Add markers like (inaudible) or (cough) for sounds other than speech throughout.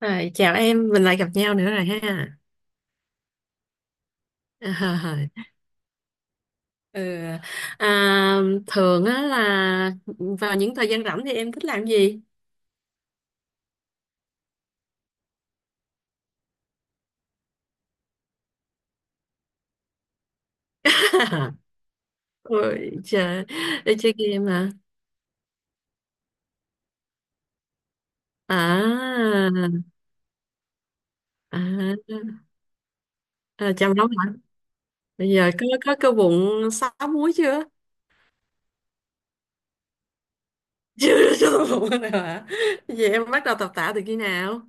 Rồi, chào em, mình lại gặp nhau nữa rồi ha. À, (laughs) ừ. à, thường á là vào những thời gian rảnh thì em thích làm gì? (laughs) Ôi trời, đi chơi game hả? À, à, chăm nấu hả? Bây giờ có cơ bụng sáu múi chưa? (laughs) Chưa, chưa có bụng nào hả? Vậy em bắt đầu tập tạ từ khi nào?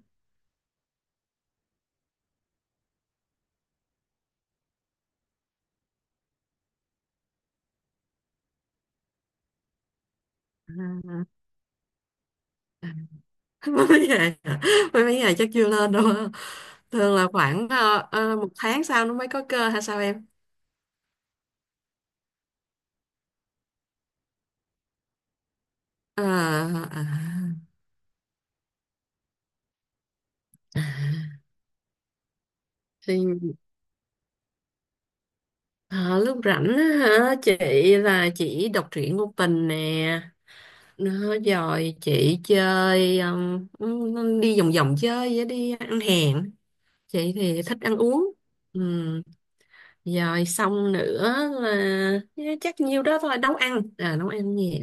À, à. (laughs) Mới mấy ngày hả? Mấy mấy ngày chắc chưa lên đâu ha. Thường là khoảng một tháng sau nó mới có cơ hay sao em? Ờ, à, thì ờ, lúc rảnh á hả, chị là chị đọc truyện ngôn tình nè, nó rồi chị chơi đi vòng vòng chơi với đi ăn hàng. Chị thì thích ăn uống. Ừm, rồi xong nữa là chắc nhiêu đó thôi, nấu ăn à, nấu ăn nhẹ,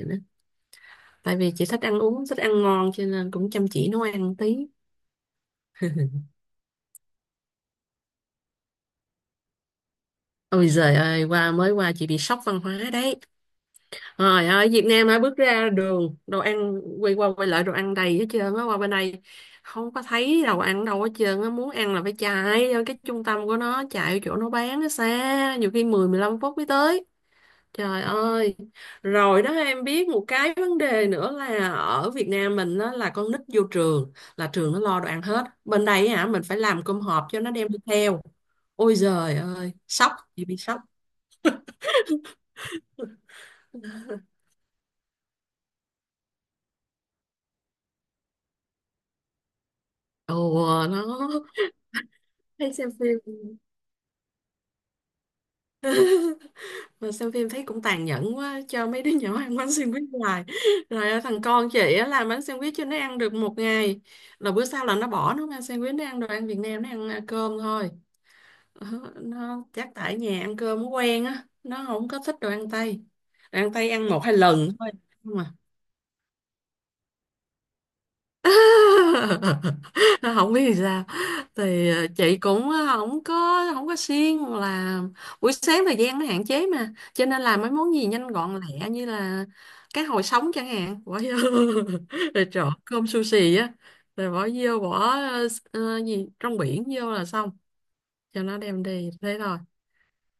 tại vì chị thích ăn uống, thích ăn ngon cho nên cũng chăm chỉ nấu ăn tí. Ôi giời ơi, qua mới qua chị bị sốc văn hóa đấy. Rồi ở Việt Nam hả, bước ra đường đồ ăn, quay qua quay lại đồ ăn đầy hết trơn á, qua bên đây không có thấy đồ ăn đâu hết trơn á, muốn ăn là phải chạy vô cái trung tâm của nó, chạy vô chỗ nó bán, nó xa nhiều khi 10, 15 phút mới tới. Trời ơi, rồi đó em biết một cái vấn đề nữa là ở Việt Nam mình đó là con nít vô trường là trường nó lo đồ ăn hết. Bên đây hả, mình phải làm cơm hộp cho nó đem đi theo. Ôi giời ơi, sốc, chị bị sốc. (laughs) Ồ, nó hay xem phim. (laughs) Mà xem phim thấy cũng tàn nhẫn quá, cho mấy đứa nhỏ ăn bánh sandwich hoài. Rồi ở, thằng con chị á, làm bánh sandwich cho nó ăn được một ngày. Rồi bữa sau là nó bỏ, nó không ăn sandwich, nó ăn đồ ăn Việt Nam, nó ăn à, cơm thôi. Ờ, nó chắc tại nhà ăn cơm nó quen á, nó không có thích đồ ăn tây. Đồ ăn tây ăn 1, 2 lần thôi, nhưng mà (laughs) nó không biết thì sao, thì chị cũng không có, không có siêng, là buổi sáng thời gian nó hạn chế mà, cho nên làm mấy món gì nhanh gọn lẹ như là cá hồi sống chẳng hạn, bỏ vô (laughs) rồi trộn cơm sushi á, rồi bỏ vô bỏ gì trong biển vô là xong, cho nó đem đi thế thôi,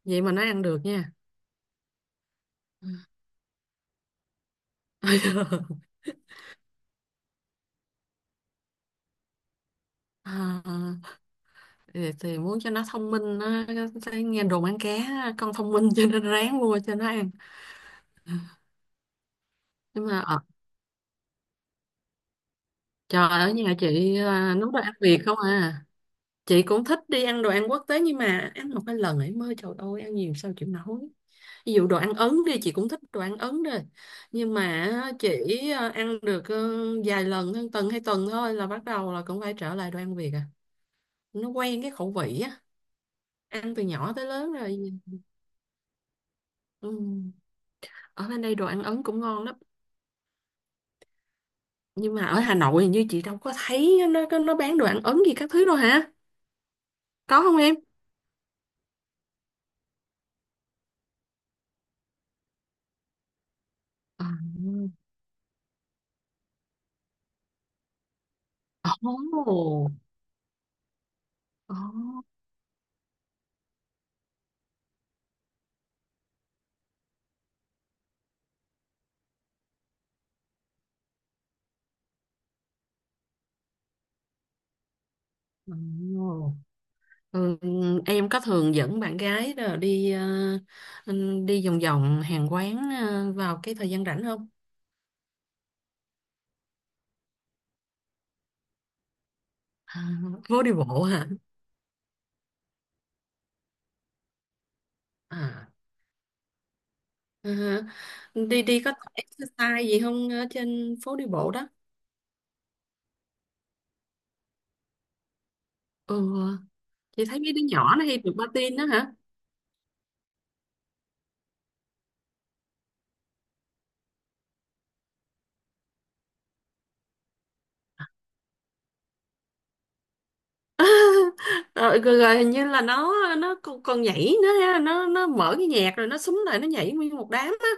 vậy mà nó ăn được nha. (laughs) À, thì muốn cho nó thông minh, nó thấy nghe đồn ăn cá con thông minh (laughs) cho nên ráng mua cho nó ăn, nhưng mà trời, ở nhà chị à, nấu đồ ăn Việt không à. Chị cũng thích đi ăn đồ ăn quốc tế, nhưng mà ăn một cái lần ấy mới trời ơi, ăn nhiều sao chịu nổi. Ví dụ đồ ăn Ấn đi, chị cũng thích đồ ăn Ấn đi, nhưng mà chỉ ăn được vài lần hơn tuần hay tuần thôi là bắt đầu là cũng phải trở lại đồ ăn Việt à, nó quen cái khẩu vị á, ăn từ nhỏ tới lớn rồi. Ừ, ở bên đây đồ ăn Ấn cũng ngon lắm, nhưng mà ở Hà Nội hình như chị đâu có thấy nó, nó bán đồ ăn Ấn gì các thứ đâu hả, có không em? À, ồ, Ồ. ồ. Ừ, em có thường dẫn bạn gái đó đi đi vòng vòng hàng quán vào cái thời gian rảnh không? À, phố đi bộ hả? À, ờ, đi đi có tập exercise gì không ở trên phố đi bộ đó? Ừ, chị thấy mấy đứa nhỏ nó hay được patin đó hả? (laughs) Rồi, rồi, rồi, hình như là nó, nó còn nhảy nữa ha, nó mở cái nhạc rồi nó súng lại nó nhảy nguyên một đám á.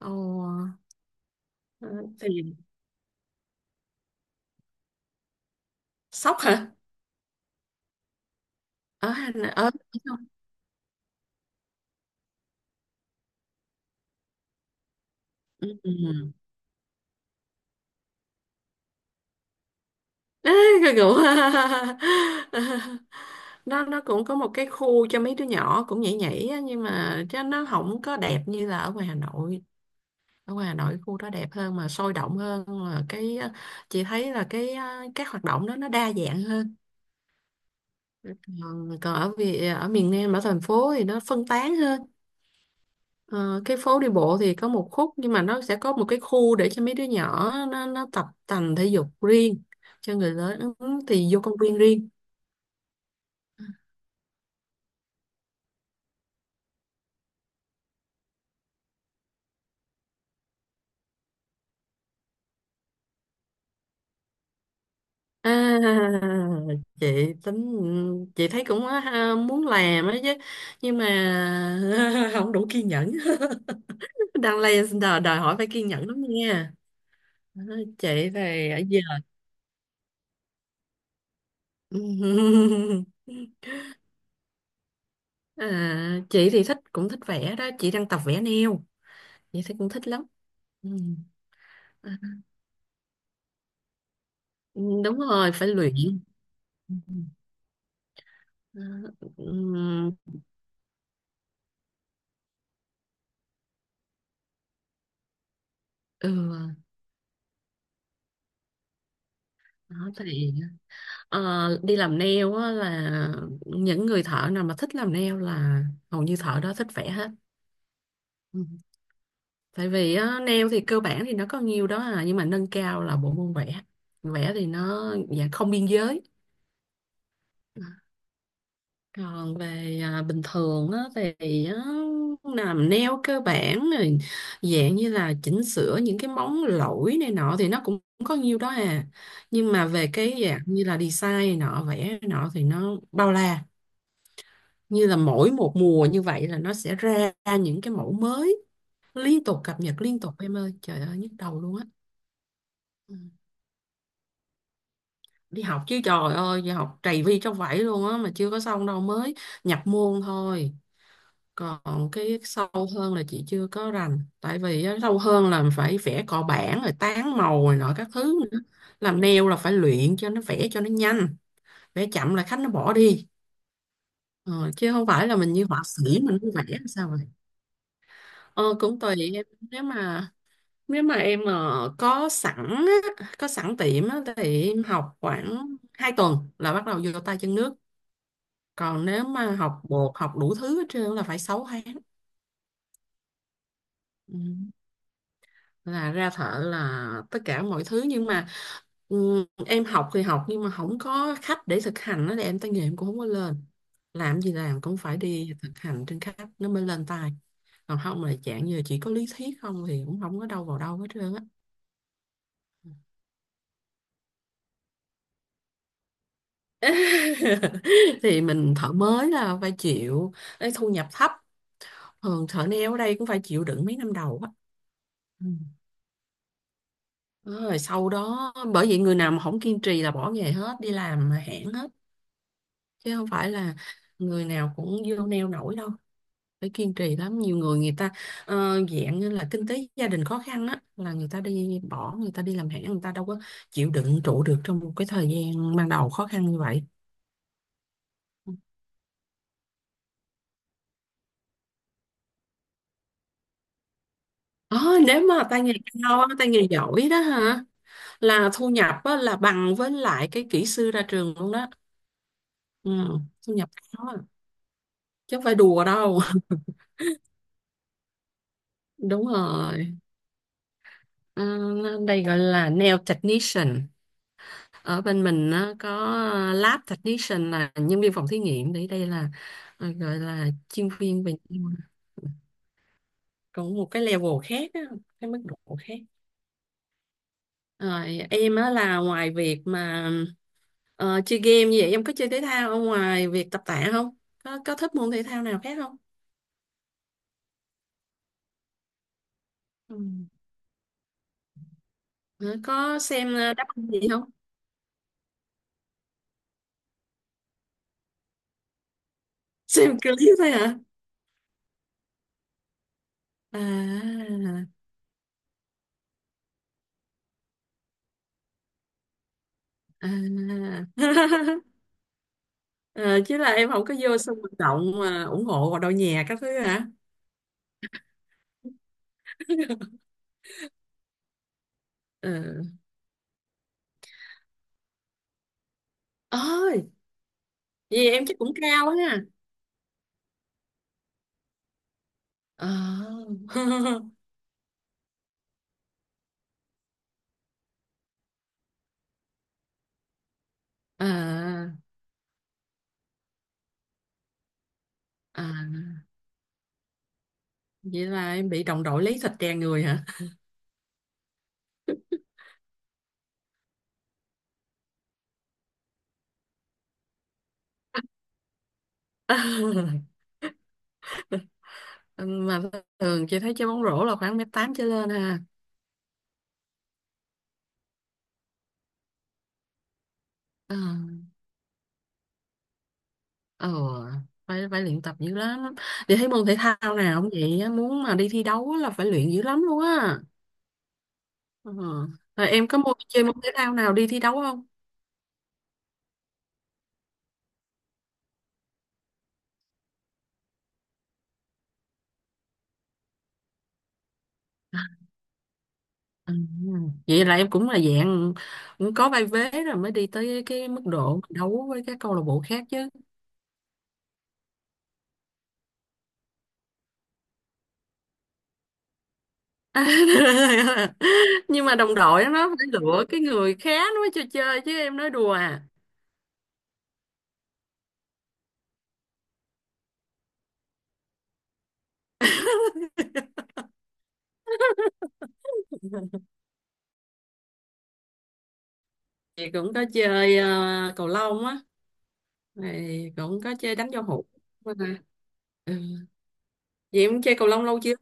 Ồ ờ, thì Sốc hả? Ở Hà Nội, ở ở đâu? ừ. ừ. ừ. Ê, cái kiểu, (laughs) nó cũng có một cái khu cho mấy đứa nhỏ cũng nhảy nhảy á, nhưng mà chứ nó không có đẹp như là ở ngoài Hà Nội. Ở ngoài Hà Nội khu đó đẹp hơn mà sôi động hơn, mà cái chị thấy là cái các hoạt động đó nó đa dạng hơn. Còn ở, vì ở miền Nam, ở thành phố thì nó phân tán hơn. Ờ, cái phố đi bộ thì có một khúc, nhưng mà nó sẽ có một cái khu để cho mấy đứa nhỏ nó tập tành thể dục riêng, cho người lớn thì vô công viên riêng. À, chị tính, chị thấy cũng ha, muốn làm á chứ, nhưng mà (laughs) không đủ kiên nhẫn. (laughs) Đang lên đòi hỏi phải kiên nhẫn lắm nha. Ờ, chị thì ở giờ (laughs) à, chị thì thích, cũng thích vẽ đó, chị đang tập vẽ neo, chị thấy cũng thích lắm. Ừ, à, đúng rồi, phải luyện. ừ. À, ừm, ừ. Đó, thì đi làm nail á là những người thợ nào mà thích làm nail là hầu như thợ đó thích vẽ hết. Ừ, tại vì á, nail thì cơ bản thì nó có nhiều đó à, nhưng mà nâng cao là bộ môn vẽ. Vẽ thì nó dạng không biên giới. Còn về à, bình thường á, thì á, làm nail cơ bản rồi, dạng như là chỉnh sửa những cái móng lỗi này nọ thì nó cũng có nhiêu đó à, nhưng mà về cái dạng như là design này nọ, vẽ này nọ thì nó bao la. Như là mỗi một mùa như vậy là nó sẽ ra những cái mẫu mới, liên tục cập nhật liên tục em ơi, trời ơi nhức đầu luôn á. Ừ, đi học chứ, trời ơi đi học trầy vi trong vải luôn á, mà chưa có xong đâu, mới nhập môn thôi. Còn cái sâu hơn là chị chưa có rành, tại vì á, sâu hơn là phải vẽ cọ bản rồi tán màu rồi nọ các thứ nữa. Làm nail là phải luyện cho nó vẽ cho nó nhanh, vẽ chậm là khách nó bỏ đi, ờ, chứ không phải là mình như họa sĩ mình cứ vẽ làm sao vậy. Ờ, cũng tùy em, nếu mà, nếu mà em có sẵn á, có sẵn tiệm á, thì em học khoảng 2 tuần là bắt đầu vô tay chân nước. Còn nếu mà học bột học đủ thứ hết trơn là phải 6 tháng. Ừ, là ra thợ là tất cả mọi thứ, nhưng mà ừ, em học thì học nhưng mà không có khách để thực hành đó thì em tay nghề em cũng không có lên. Làm gì làm cũng phải đi thực hành trên khách nó mới lên tay, còn không là dạng như là chỉ có lý thuyết không thì cũng không có đâu vào đâu hết trơn á. (laughs) Thì mình thợ mới là phải chịu cái thu nhập thấp, thường thợ nail ở đây cũng phải chịu đựng mấy năm đầu á. Ừ, rồi sau đó bởi vậy người nào mà không kiên trì là bỏ nghề hết, đi làm hãng hết, chứ không phải là người nào cũng vô neo nổi đâu, phải kiên trì lắm. Nhiều người, người ta dạng như là kinh tế gia đình khó khăn á là người ta đi bỏ, người ta đi làm hãng, người ta đâu có chịu đựng trụ được trong một cái thời gian ban đầu khó khăn như vậy. Ờ, nếu mà tay nghề cao á, tay nghề giỏi đó hả, là thu nhập á, là bằng với lại cái kỹ sư ra trường luôn đó. Ừ, thu nhập cao á, chứ không phải đùa đâu. (laughs) Đúng rồi. Ờ, đây gọi là nail technician. Ở bên mình nó có lab technician là nhân viên phòng thí nghiệm, để đây là gọi là chuyên viên về (laughs) còn một cái level khác á, cái mức độ khác. Rồi em á, là ngoài việc mà chơi game như vậy, em có chơi thể thao, ở ngoài việc tập tạ không, có có thích môn thể thao nào khác không? Ừ. Ờ, có xem đáp ứng gì không? (laughs) Xem clip thôi hả? à, à. (laughs) Ờ, chứ là em không có vô sân vận động mà ủng hộ vào đội nhà các thứ hả? (laughs) Ờ. Ôi, vậy em chắc cũng cao ha. Ờ. (laughs) À, à, vậy là em bị đồng đội lấy thịt đè người hả? (laughs) Mà thường chị thấy chơi bóng rổ là khoảng 1m8 trở lên ha. Ờ, ờ, phải phải luyện tập dữ lắm. Chị thấy môn thể thao nào cũng vậy á, muốn mà đi thi đấu là phải luyện dữ lắm luôn á. Ờ. Rồi em có môn chơi môn thể thao nào đi thi đấu không? Ừ. Vậy là em cũng là dạng cũng có vai vế rồi mới đi tới cái mức độ đấu với các câu lạc bộ khác chứ. (laughs) Nhưng mà đồng đội nó phải lựa cái người khác nó mới cho chơi chứ em, nói đùa à. Chị cũng có chơi cầu lông á, này cũng có chơi đánh giao hữu. Ừ, vậy em chơi cầu lông lâu chưa?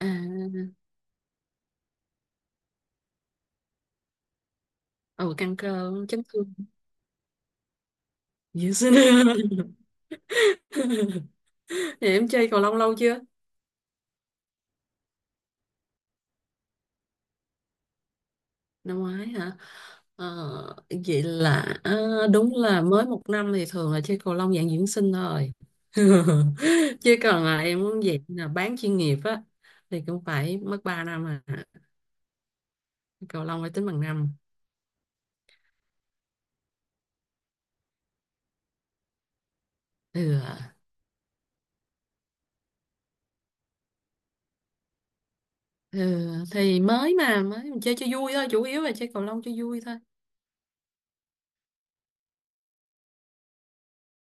À, ừ, căng cơ chấn thương. Yes. (laughs) Vậy em chơi cầu lông lâu chưa? Năm ngoái hả? Ờ, vậy là à, đúng là mới một năm thì thường là chơi cầu lông dạng dưỡng sinh thôi. (laughs) Chứ còn là em muốn dạng là bán chuyên nghiệp á thì cũng phải mất 3 năm à, cầu lông phải tính bằng năm. ừ. ừ. Thì mới mình chơi cho vui thôi, chủ yếu là chơi cầu lông cho vui thôi.